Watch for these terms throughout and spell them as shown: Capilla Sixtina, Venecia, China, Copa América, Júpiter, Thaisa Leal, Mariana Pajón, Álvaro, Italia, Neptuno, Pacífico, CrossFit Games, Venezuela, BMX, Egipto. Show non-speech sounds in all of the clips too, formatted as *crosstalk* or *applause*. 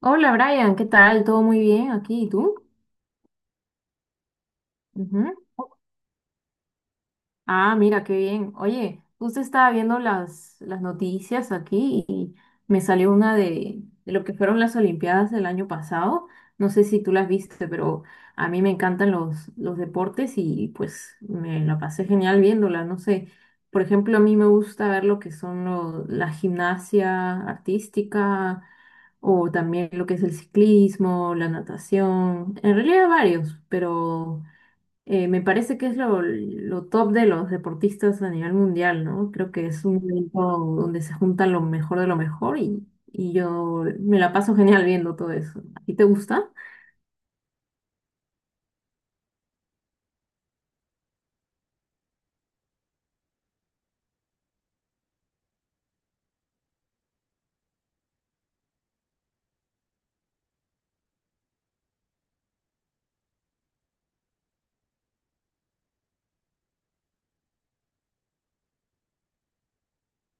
Hola Brian, ¿qué tal? ¿Todo muy bien aquí? ¿Y tú? Ujú. Ah, mira, qué bien. Oye, justo estaba viendo las noticias aquí y me salió una de lo que fueron las Olimpiadas del año pasado. No sé si tú las viste, pero a mí me encantan los deportes y pues me la pasé genial viéndola. No sé, por ejemplo, a mí me gusta ver lo que son la gimnasia artística o también lo que es el ciclismo, la natación, en realidad varios, pero me parece que es lo top de los deportistas a nivel mundial, ¿no? Creo que es un evento donde se junta lo mejor de lo mejor y, yo me la paso genial viendo todo eso. ¿A ti te gusta?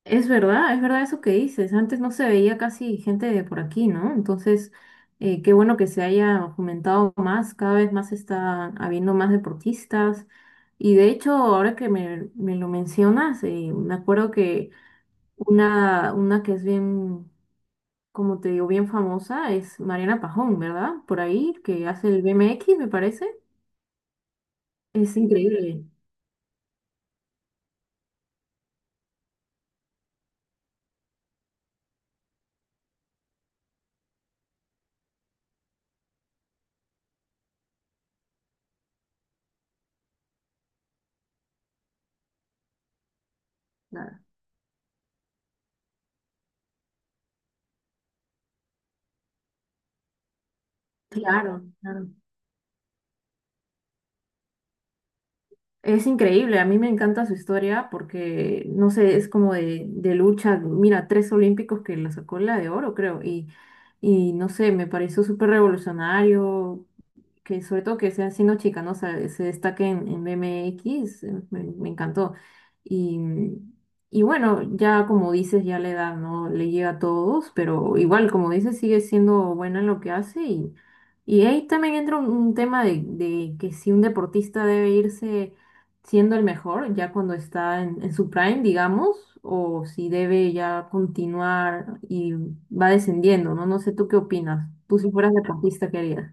Es verdad eso que dices. Antes no se veía casi gente de por aquí, ¿no? Entonces, qué bueno que se haya fomentado más, cada vez más está habiendo más deportistas. Y de hecho, ahora que me lo mencionas, me acuerdo que una que es bien, como te digo, bien famosa es Mariana Pajón, ¿verdad? Por ahí, que hace el BMX, me parece. Es increíble. Claro, claro. Es increíble, a mí me encanta su historia porque, no sé, es como de lucha, mira, tres olímpicos que la sacó la de oro, creo, y no sé, me pareció súper revolucionario, que sobre todo que sea siendo chica, ¿no? O sea, se destaque en BMX, me encantó. Y, y bueno, ya como dices, ya la edad no le llega a todos, pero igual, como dices, sigue siendo buena en lo que hace. Y ahí también entra un tema de que si un deportista debe irse siendo el mejor, ya cuando está en su prime, digamos, o si debe ya continuar y va descendiendo, ¿no? No sé, ¿tú qué opinas? Tú si fueras deportista, ¿qué harías?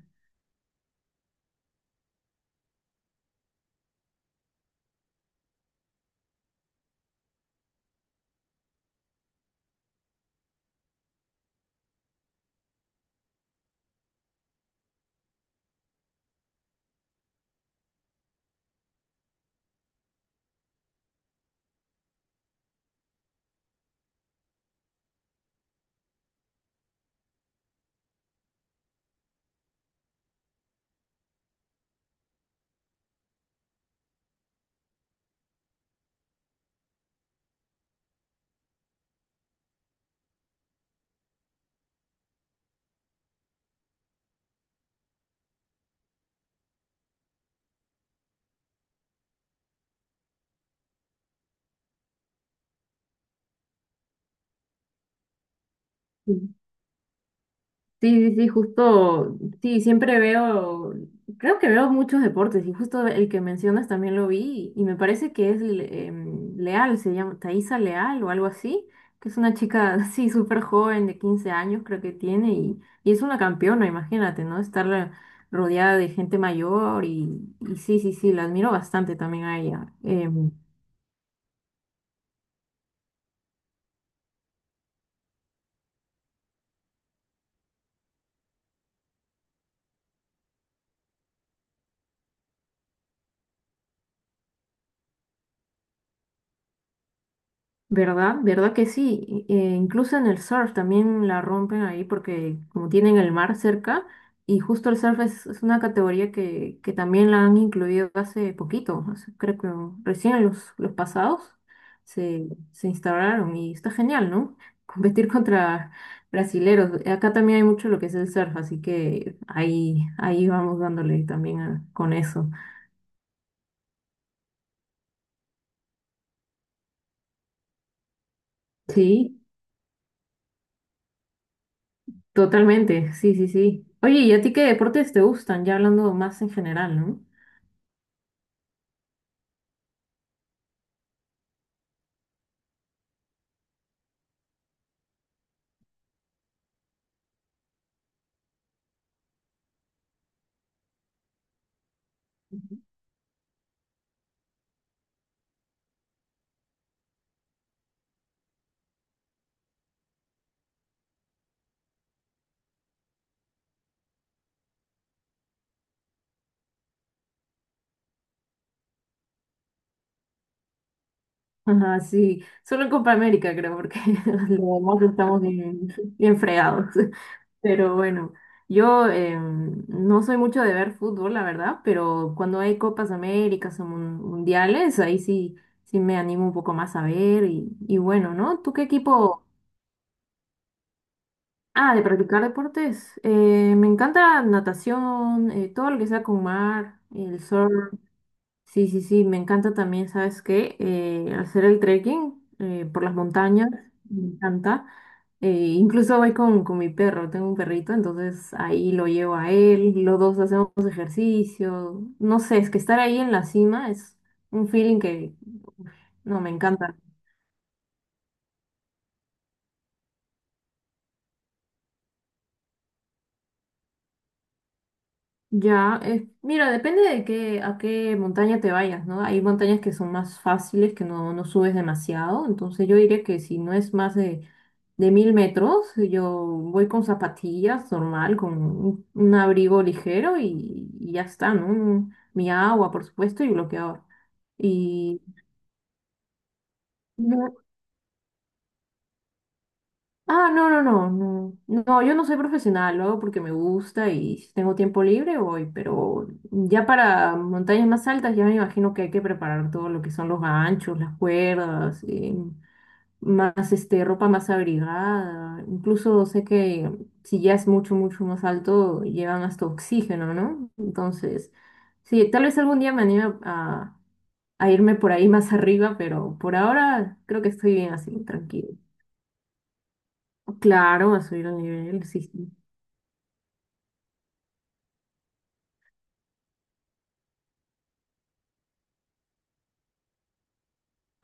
Sí, sí, sí, justo, sí, siempre veo, creo que veo muchos deportes y justo el que mencionas también lo vi y me parece que es Leal, se llama Thaisa Leal o algo así, que es una chica, *laughs* sí, súper joven de 15 años creo que tiene y es una campeona, imagínate, ¿no? Estar rodeada de gente mayor y sí, sí, sí, la admiro bastante también a ella. ¿Verdad? ¿Verdad que sí? Incluso en el surf también la rompen ahí porque como tienen el mar cerca y justo el surf es una categoría que también la han incluido hace poquito, creo que recién en los pasados se instauraron y está genial, ¿no? *laughs* Competir contra brasileros. Acá también hay mucho lo que es el surf, así que ahí, ahí vamos dándole también con eso. Sí. Totalmente, sí, sí, sí. Oye, ¿y a ti qué deportes te gustan? Ya hablando más en general, ¿no? *laughs* Ajá, sí, solo en Copa América creo, porque *laughs* lo demás estamos bien, bien fregados. *laughs* Pero bueno, yo no soy mucho de ver fútbol, la verdad, pero cuando hay Copas Américas o mundiales, ahí sí, sí me animo un poco más a ver. Y bueno, ¿no? ¿Tú qué equipo? Ah, de practicar deportes. Me encanta natación, todo lo que sea con mar, el surf. Sí, sí, sí, me encanta también, ¿sabes qué? Hacer el trekking por las montañas, me encanta. Eh, Incluso voy con mi perro, tengo un perrito, entonces ahí lo llevo a él, los dos hacemos ejercicio. No sé, es que estar ahí en la cima es un feeling que, no, me encanta. Ya, mira, depende de qué, a qué montaña te vayas, ¿no? Hay montañas que son más fáciles, que no, no subes demasiado, entonces yo diría que si no es más de 1000 metros, yo voy con zapatillas normal, con un abrigo ligero y ya está, ¿no? Mi agua, por supuesto, y bloqueador. Y, ah, no, no, no, no. No, yo no soy profesional, lo hago porque me gusta y si tengo tiempo libre voy, pero ya para montañas más altas ya me imagino que hay que preparar todo lo que son los ganchos, las cuerdas, más este, ropa más abrigada. Incluso sé que si ya es mucho, mucho más alto, llevan hasta oxígeno, ¿no? Entonces, sí, tal vez algún día me anime a irme por ahí más arriba, pero por ahora creo que estoy bien así, tranquilo. Claro, a subir el nivel, sí. Sí.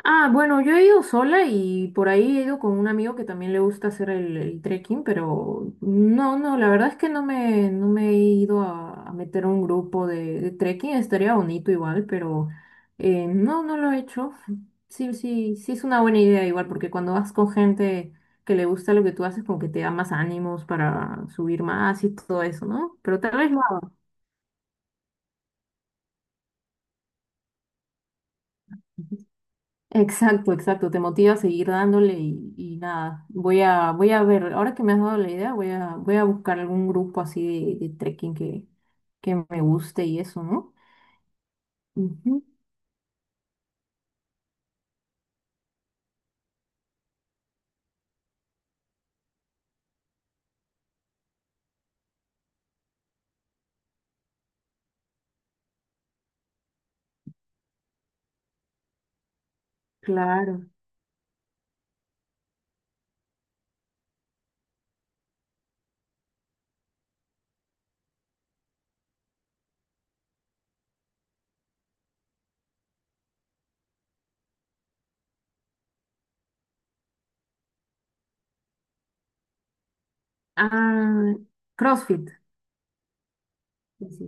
Ah, bueno, yo he ido sola y por ahí he ido con un amigo que también le gusta hacer el trekking, pero no, no, la verdad es que no me, no me he ido a meter a un grupo de trekking, estaría bonito igual, pero no, no lo he hecho. Sí, sí, sí es una buena idea igual, porque cuando vas con gente que le gusta lo que tú haces, como que te da más ánimos para subir más y todo eso, ¿no? Pero tal vez lo haga. Exacto, exacto, te motiva a seguir dándole y nada, voy a, voy a ver, ahora que me has dado la idea, voy a, voy a buscar algún grupo así de trekking que me guste y eso, ¿no? Ujú, claro. Ah, CrossFit. Sí, sí.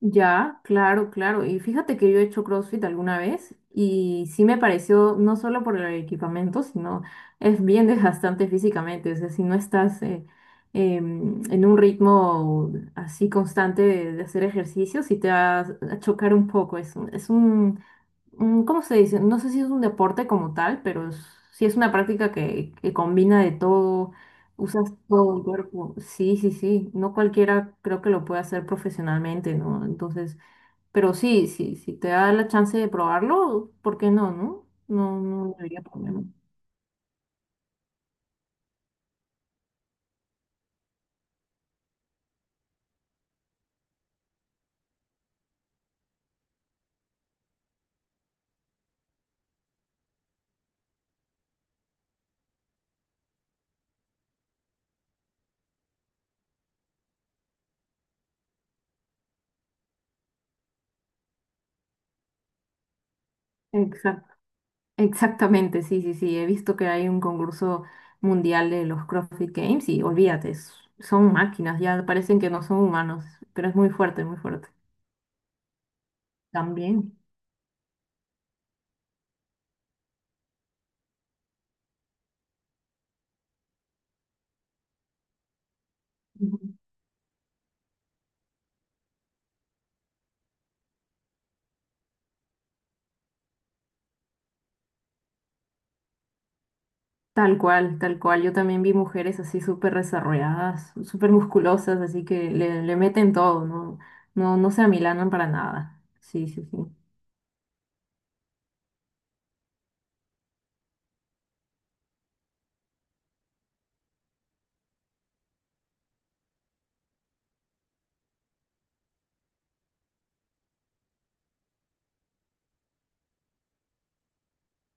Ya, claro, claro. Y fíjate que yo he hecho CrossFit alguna vez y sí me pareció, no solo por el equipamiento, sino es bien *laughs* desgastante físicamente. O sea, si no estás en un ritmo así constante de hacer ejercicio, sí te va a chocar un poco. Es, es un, ¿cómo se dice? No sé si es un deporte como tal, pero sí es una práctica que combina de todo, usas todo el cuerpo. Sí, sí, sí. No cualquiera creo que lo puede hacer profesionalmente, ¿no? Entonces, pero sí, sí, si te da la chance de probarlo, ¿por qué no, no? No, no debería problema. Exacto. Exactamente, sí, sí, sí. He visto que hay un concurso mundial de los CrossFit Games y olvídate, s- son máquinas, ya parecen que no son humanos, pero es muy fuerte, muy fuerte. También. Tal cual, tal cual. Yo también vi mujeres así súper desarrolladas, súper musculosas, así que le meten todo, ¿no? No, no se amilanan para nada. Sí, sí, sí.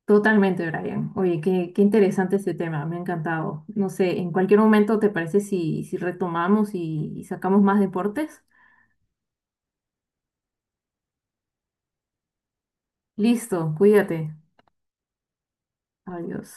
Totalmente, Brian. Oye, qué, qué interesante este tema, me ha encantado. No sé, en cualquier momento, ¿te parece si, si retomamos y sacamos más deportes? Listo, cuídate. Adiós.